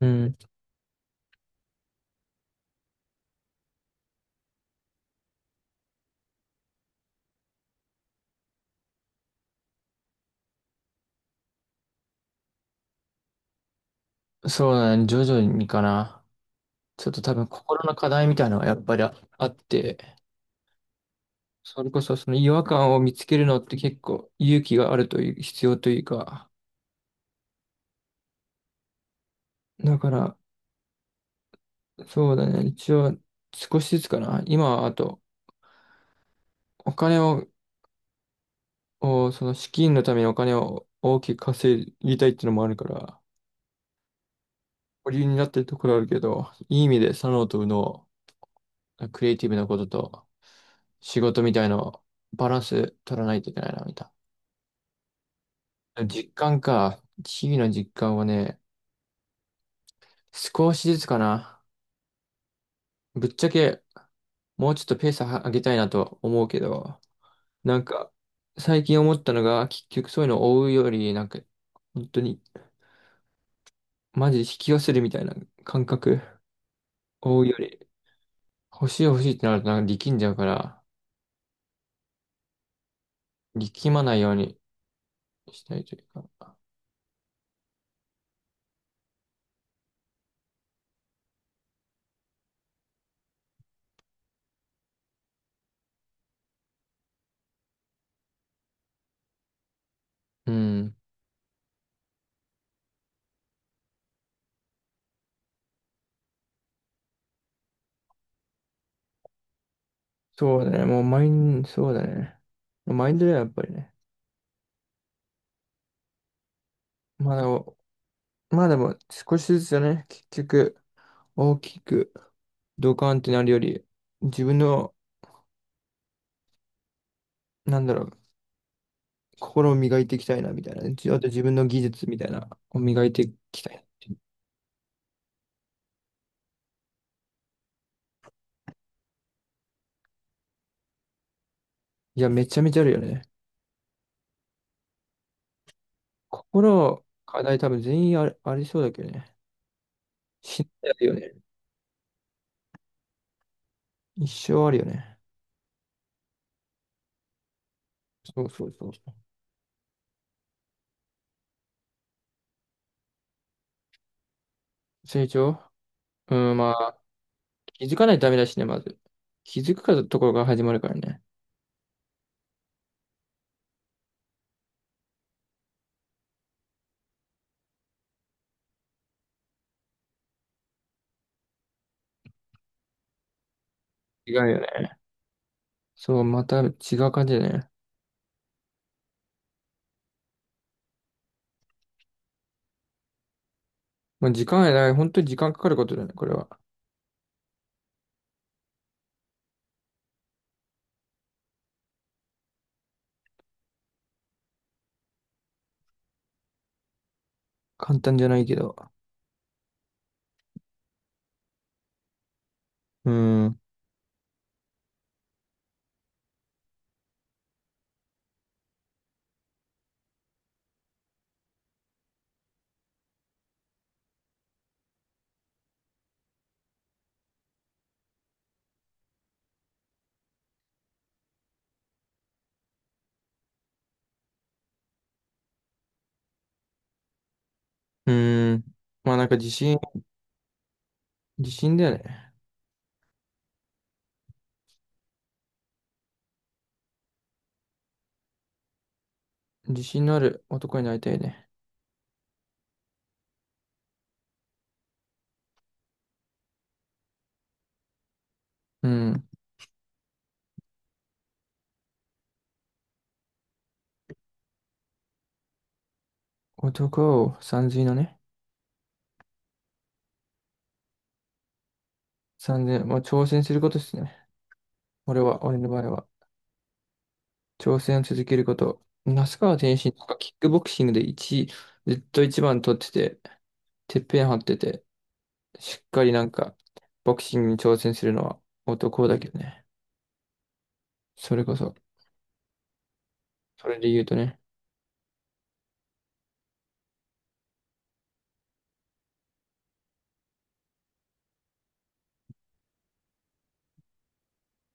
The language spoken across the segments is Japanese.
うん、そうだね。徐々にかな。ちょっと多分心の課題みたいなのがやっぱりあって、それこそその違和感を見つけるのって結構勇気があるという、必要というか。だから、そうだね。一応少しずつかな。今はあと、お金を、をその資金のためにお金を大きく稼ぎたいっていうのもあるから、保留になってるところあるけど、いい意味で左脳と右脳、クリエイティブなことと仕事みたいなバランス取らないといけないな、みたいな。実感か。日々の実感はね、少しずつかな。ぶっちゃけ、もうちょっとペースは上げたいなと思うけど、なんか、最近思ったのが、結局そういうのを追うより、なんか、本当に、マジで引き寄せるみたいな感覚、追うより、欲しい欲しいってなるとなんか力んじゃうから、力まないようにしたいというか。うん。そうだね。もうマイン、そうだね。マインドはやっぱりね。まだ、まあでも少しずつだね。結局、大きくドカンってなるより、自分の、なんだろう、心を磨いていきたいな、みたいな。あと自分の技術みたいな、を磨いていきたいなっていう。いや、めちゃめちゃあるよね。心、課題多分全員ありそうだけどね。死んであるよね。一生あるよね。そうそうそうそう。うん、まあ、気づかないとダメだしね、まず。気づくかところが始まるからね。違うよね。そう、また違う感じだね。まあ、時間がない。本当に時間かかることだね、これは。簡単じゃないけど。うん。うーん。まあなんか自信だよね。自信のある男になりたいね。うん。男をさんずいのね。さんずまあ挑戦することですね。俺は、俺の場合は。挑戦を続けること。那須川天心とかキックボクシングで一位、ずっと一番取ってて、てっぺん張ってて、しっかりなんか、ボクシングに挑戦するのは男だけどね。それこそ、それで言うとね。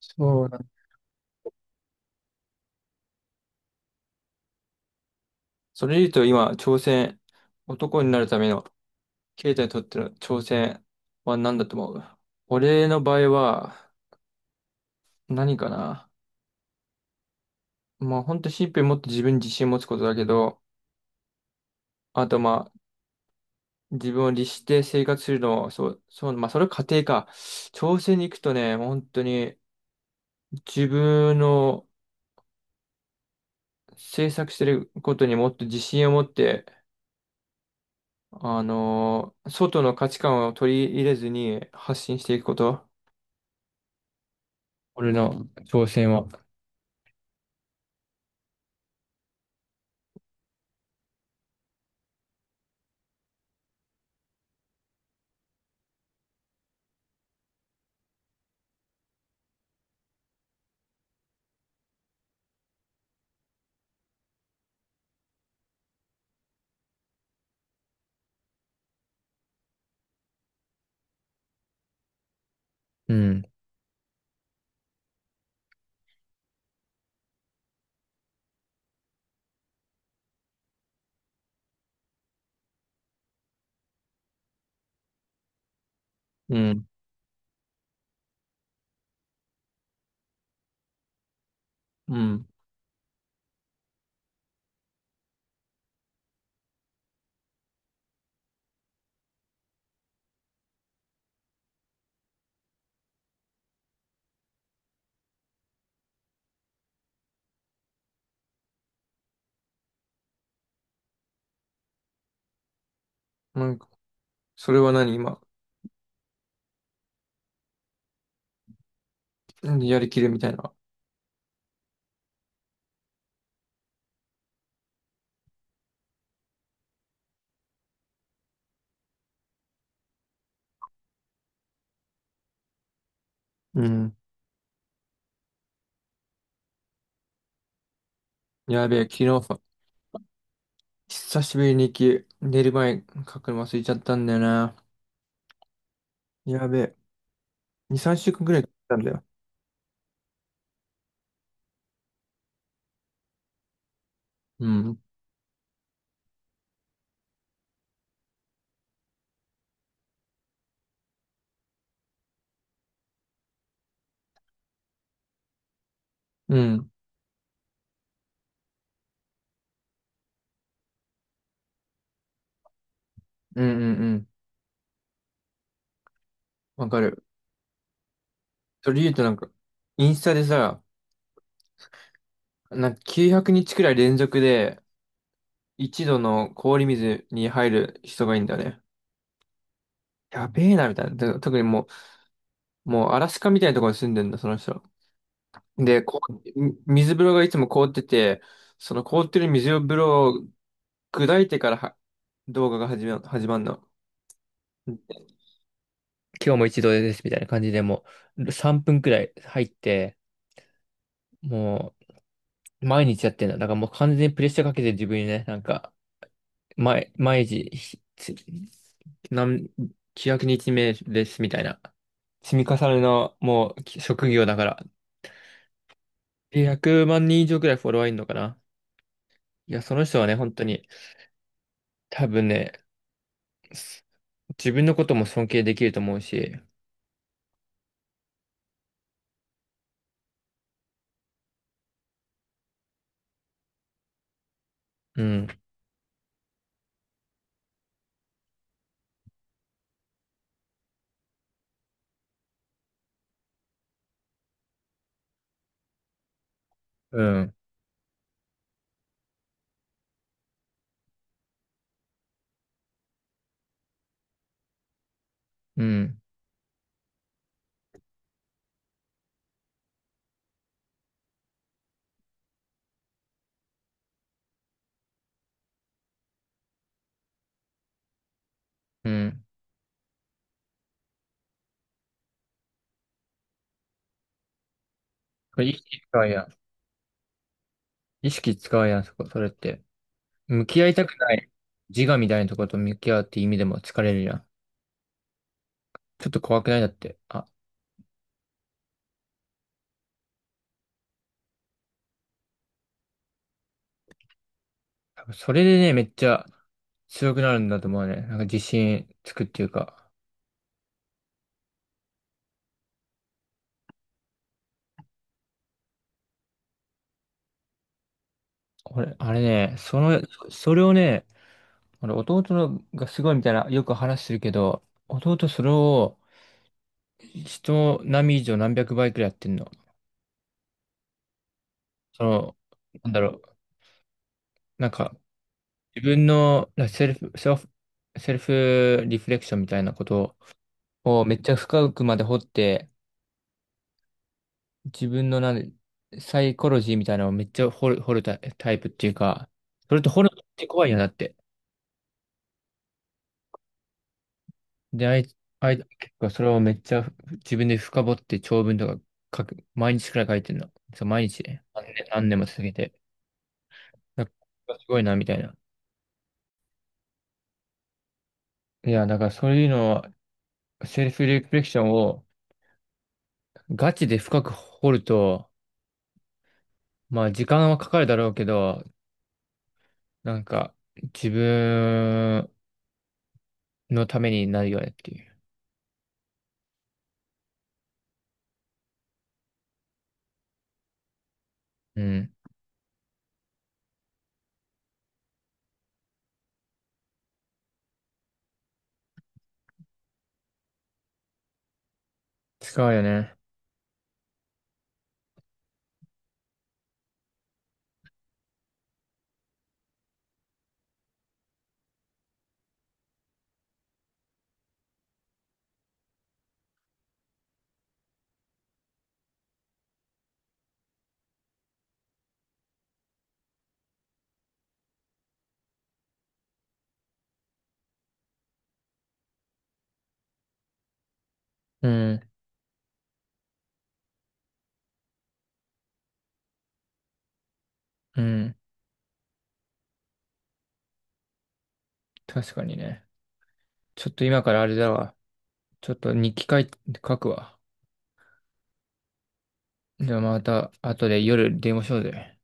そうだ。それで言うと今、挑戦、男になるためのケイタにとっての挑戦は何だと思う？俺の場合は何かな。まあ本当シンプルにもっと自分に自信を持つことだけど、あとまあ自分を律して生活するのを、そう、そう、まあそれは家庭か。挑戦に行くとね、もう本当に自分の制作してることにもっと自信を持って、外の価値観を取り入れずに発信していくこと。俺の挑戦は。うん。うん。うん。なんか、それは何今うんやりきるみたいな。うん。やべえ、昨日さ、久しぶりに雪、寝る前に書くの忘れちゃったんだよな。やべえ、2、3週間くらい経ったんだよ。うん。うん。うんうんうん。わかる。それ言うとなんか、インスタでさ、なんか900日くにちくらい連続で、一度の氷水に入る人がいいんだよね。やべえな、みたいな。で特にもうアラスカみたいなところに住んでんだ、その人。で、こう、水風呂がいつも凍ってて、その凍ってる水風呂砕いてからは動画が始まんの。今日も一度ですみたいな感じでもう3分くらい入って、もう毎日やってんだ。だからもう完全にプレッシャーかけて自分にね、なんか、毎日、何、900日目ですみたいな。積み重ねのもうき職業だから。で100万人以上くらいフォロワーいるのかな。いや、その人はね、本当に多分ね、す自分のことも尊敬できると思うし、うん、うん、うん、うん。これ意識使うやん。意識使うやん、そこ、それって。向き合いたくない自我みたいなとこと向き合うって意味でも疲れるやん。ちょっと怖くないだって。あ、多分それでね、めっちゃ強くなるんだと思うね。なんか自信つくっていうか。俺、あれね、その、それをね、俺弟のがすごいみたいな、よく話してるけど、弟それを人並み以上何百倍くらいやってんの。その、なんだろう。なんか自分のらセルフリフレクションみたいなことをめっちゃ深くまで掘って、自分のなんサイコロジーみたいなのをめっちゃ掘るタイタイプっていうか、それと掘るのって怖いよなって。で、あいあい結構それをめっちゃ自分で深掘って長文とか書く、毎日くらい書いてるの。そう、毎日ね。何年何年も続けて。なんかすごいな、みたいな。いや、だからそういうのは、セルフリフレクションをガチで深く掘ると、まあ時間はかかるだろうけど、なんか自分のためになるよねっていう。うん。使うよね。うん。うん。確かにね。ちょっと今からあれだわ。ちょっと日記書い書くわ。じゃあまた後で夜電話しようぜ。